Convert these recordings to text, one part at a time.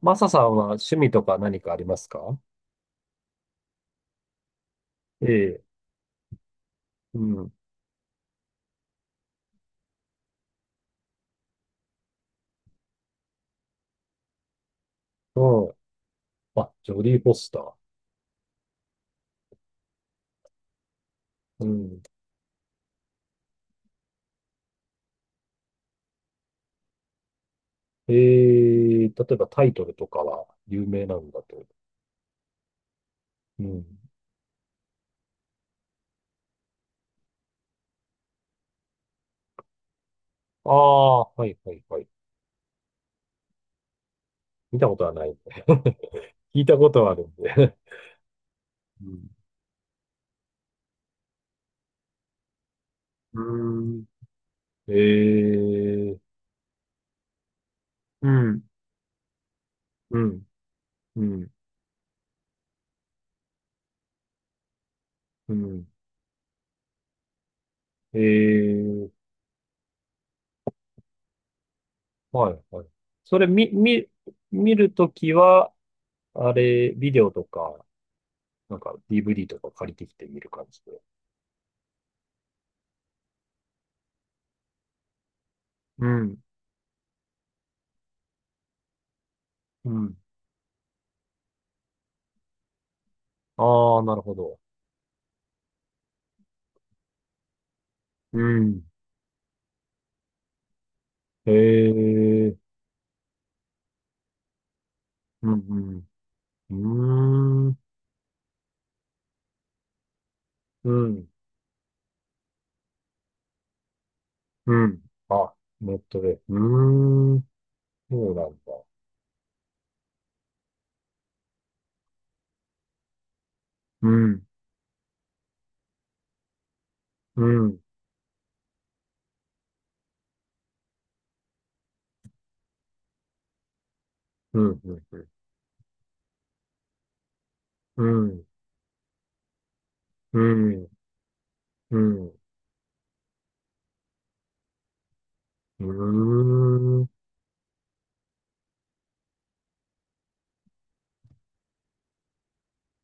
マサさんは趣味とか何かありますか？ええ、うん、うん。あ、ジョディ・フォスター。うん。ええ、例えばタイトルとかは有名なんだと。うん。ああ、はいはいはい。見たことはないんで。聞いたことはあるんで。うん。うーん。ええ、うん、うん、うん、うん。ええ、はいはい。それ見るときは、あれ、ビデオとかなんか DVD とか借りてきて見る感じで。うん。うん。ああ、なるほど。うん。へえ。うん。うん。うーん。うん。うん。あ、ネットで。うーん。そうなんだ。うん。うん。うん。うん。うん。うん。うん。うーん。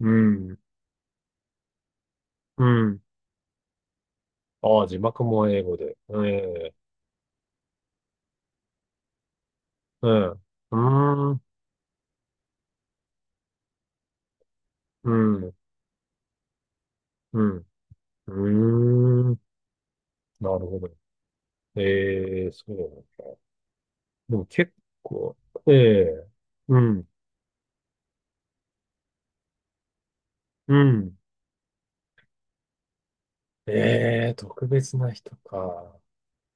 うん。うん。ああ、字幕も英語で。ええ。うん。うーん。うん。うん。うーん。なるほど。ええ、そうなんだ。でも結構、ええ、うん、うん。ええ、特別な人か。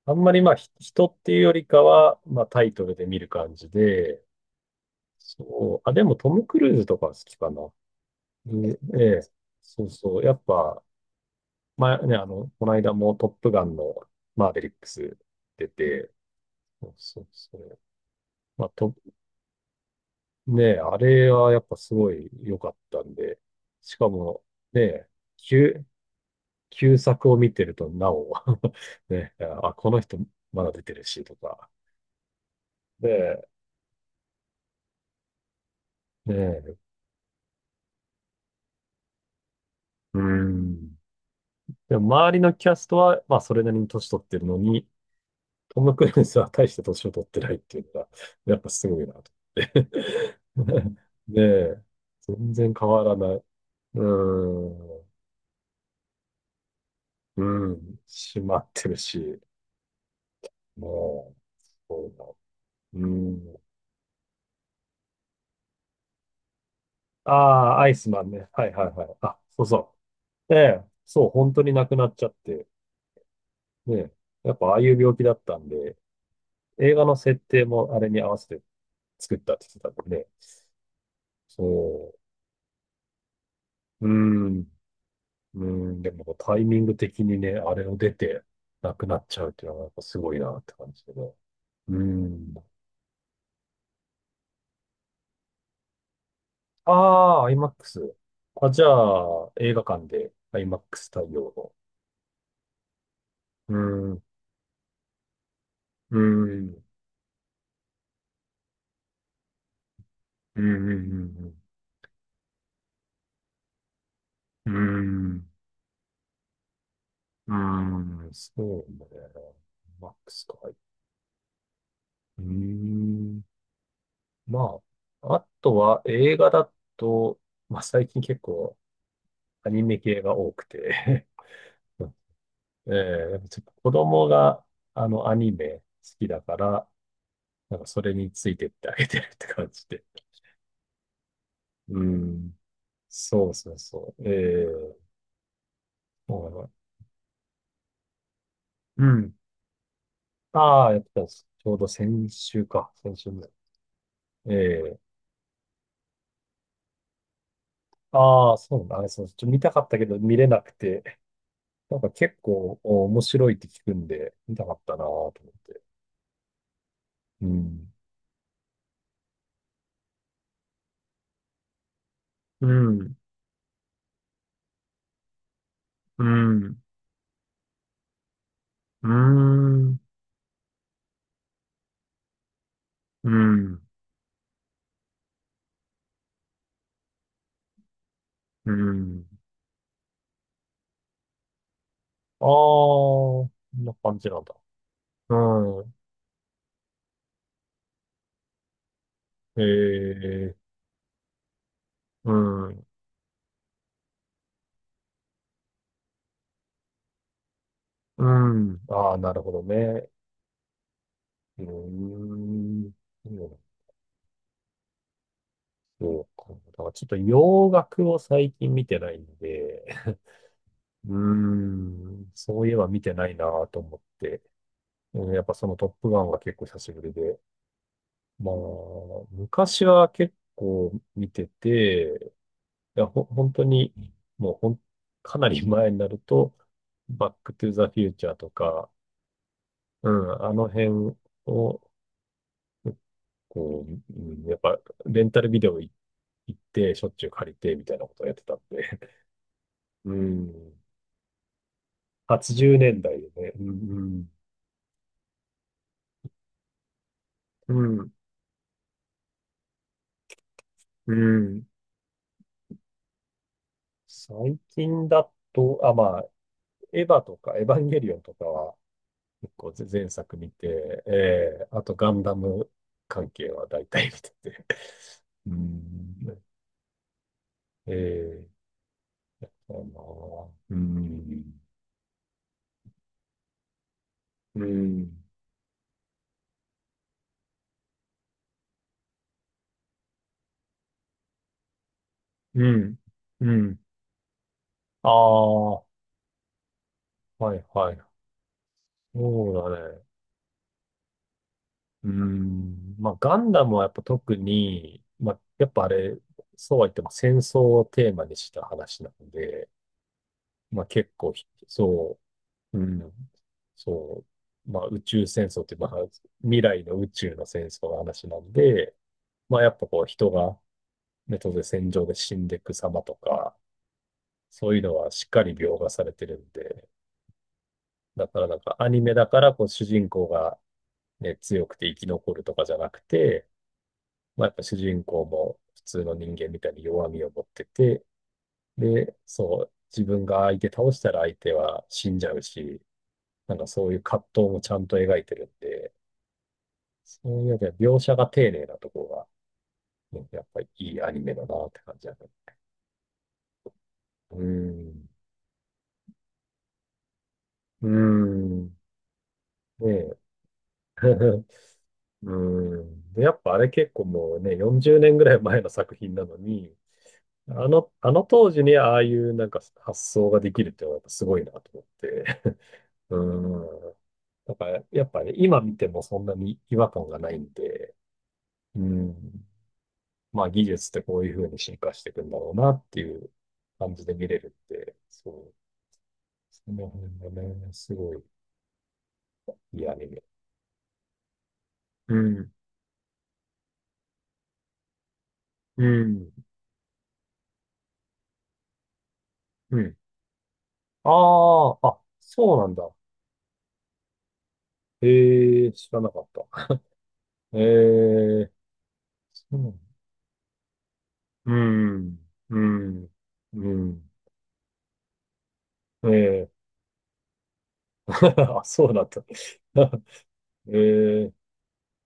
あんまりまあ、人っていうよりかは、まあタイトルで見る感じで、そう。あ、でもトム・クルーズとかは好きかな。で、ええ、そうそう。やっぱ、まあね、あの、この間もトップガンのマーベリックス出て、そうそうそう。まあ、と、ねえ、あれはやっぱすごい良かったんで、しかも、ねえ、きゅう旧作を見てると、なお ね、あ、この人まだ出てるし、とか。で、ねえ、うん。でも、周りのキャストは、まあ、それなりに年取ってるのに、トム・クルーズは大して年を取ってないっていうのが、やっぱすごいな、と思って。ねえ、全然変わらない。うん。うん。閉まってるし、もう、そうだ。うん。ああ、アイスマンね。はいはいはい。あ、そうそう。ええ、そう、本当に亡くなっちゃって、ね、やっぱああいう病気だったんで、映画の設定もあれに合わせて作ったって言ってたんでね、そう、うーん、うーん、でもタイミング的にね、あれを出て亡くなっちゃうっていうのはやっぱすごいなって感じでね。うーん。ああ、IMAX。あ、じゃあ、映画館で IMAX 対応の。うーん、うーん、うーん、うーん、うーん、うーん、そうね。マックスか。うーん。まあ、あとは映画だと、まあ最近結構アニメ系が多くて ええ、やっぱちょっと子供があのアニメ好きだから、なんかそれについてってあげてるって感じで。うん。そうそうそう。ええ、そうなの、うん。ああ、やってたし。ちょうど先週か。先週ぐらい。ええ、ああ、そうなんだ。あれ、そう、ちょっと見たかったけど見れなくて。なんか結構面白いって聞くんで、見たかったなぁと思って。うん。うん、うん、うん、うん、うん、ああ、こんな感じなんだ。うん、ええ、うん、うん。ああ、なるほどね。うーん。そうか。だからちょっと洋楽を最近見てないんで、うーん、そういえば見てないなぁと思って、うん、やっぱそのトップガンは結構久しぶりで、まあ、昔は結構見てて、いや、本当に、もうかなり前になると、バックトゥザフューチャーとか、うん、あの辺を、こう、うん、やっぱ、レンタルビデオ行って、しょっちゅう借りて、みたいなことをやってたんで。うん。80年代でね。うん、うん。うん、うん。最近だと、あ、まあ、エヴァとか、エヴァンゲリオンとかは、こう前作見て、あとガンダム関係は大体見てて。うーん、えかな、うーん、うん、うん、うん。ああ、はいはい。そうだね。うーん、まあガンダムはやっぱ特に、まあやっぱあれ、そうは言っても戦争をテーマにした話なので、まあ結構そう、うん。そう。まあ、宇宙戦争って、まあ、未来の宇宙の戦争の話なんで、まあ、やっぱこう、人が、ね、当然戦場で死んでいく様とか、そういうのはしっかり描画されてるんで、だからなんかアニメだから、こう、主人公がね、強くて生き残るとかじゃなくて、まあ、やっぱ主人公も普通の人間みたいに弱みを持ってて、で、そう、自分が相手倒したら相手は死んじゃうし、なんかそういう葛藤もちゃんと描いてるんで、そういう意味では描写が丁寧なところが、ね、やっぱりいいアニメだなって感じだね。うーん。うーん。ねえ。うーん。で、やっぱあれ結構もうね、40年ぐらい前の作品なのに、あの当時にああいうなんか発想ができるっていうのはやっぱすごいなと思って。うーん。だからやっぱね、今見てもそんなに違和感がないんで、うん。まあ技術ってこういうふうに進化していくんだろうなっていう感じで見れるって、そう、その辺がね、すごいいいアニメ。うん、うん、うん。ああ、あ、そうなんだ。ええ、知らなかった。ええ、そうなんだ。うん、うん、うん。ええ、あ、そうなんだ。ええ、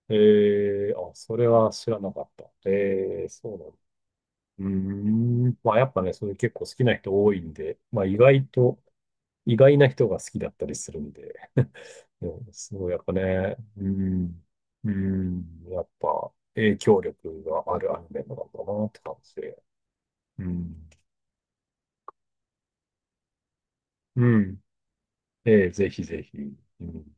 ええ、あ、それは知らなかった。ええ、そうなんだ。うーん。まあやっぱね、それ結構好きな人多いんで、まあ意外と意外な人が好きだったりするんで、うん、すごいやっぱね、うん、うん、やっぱ影響力があるアニメなんだなって感じで、うん、うん、ええ、ぜひぜひ、うん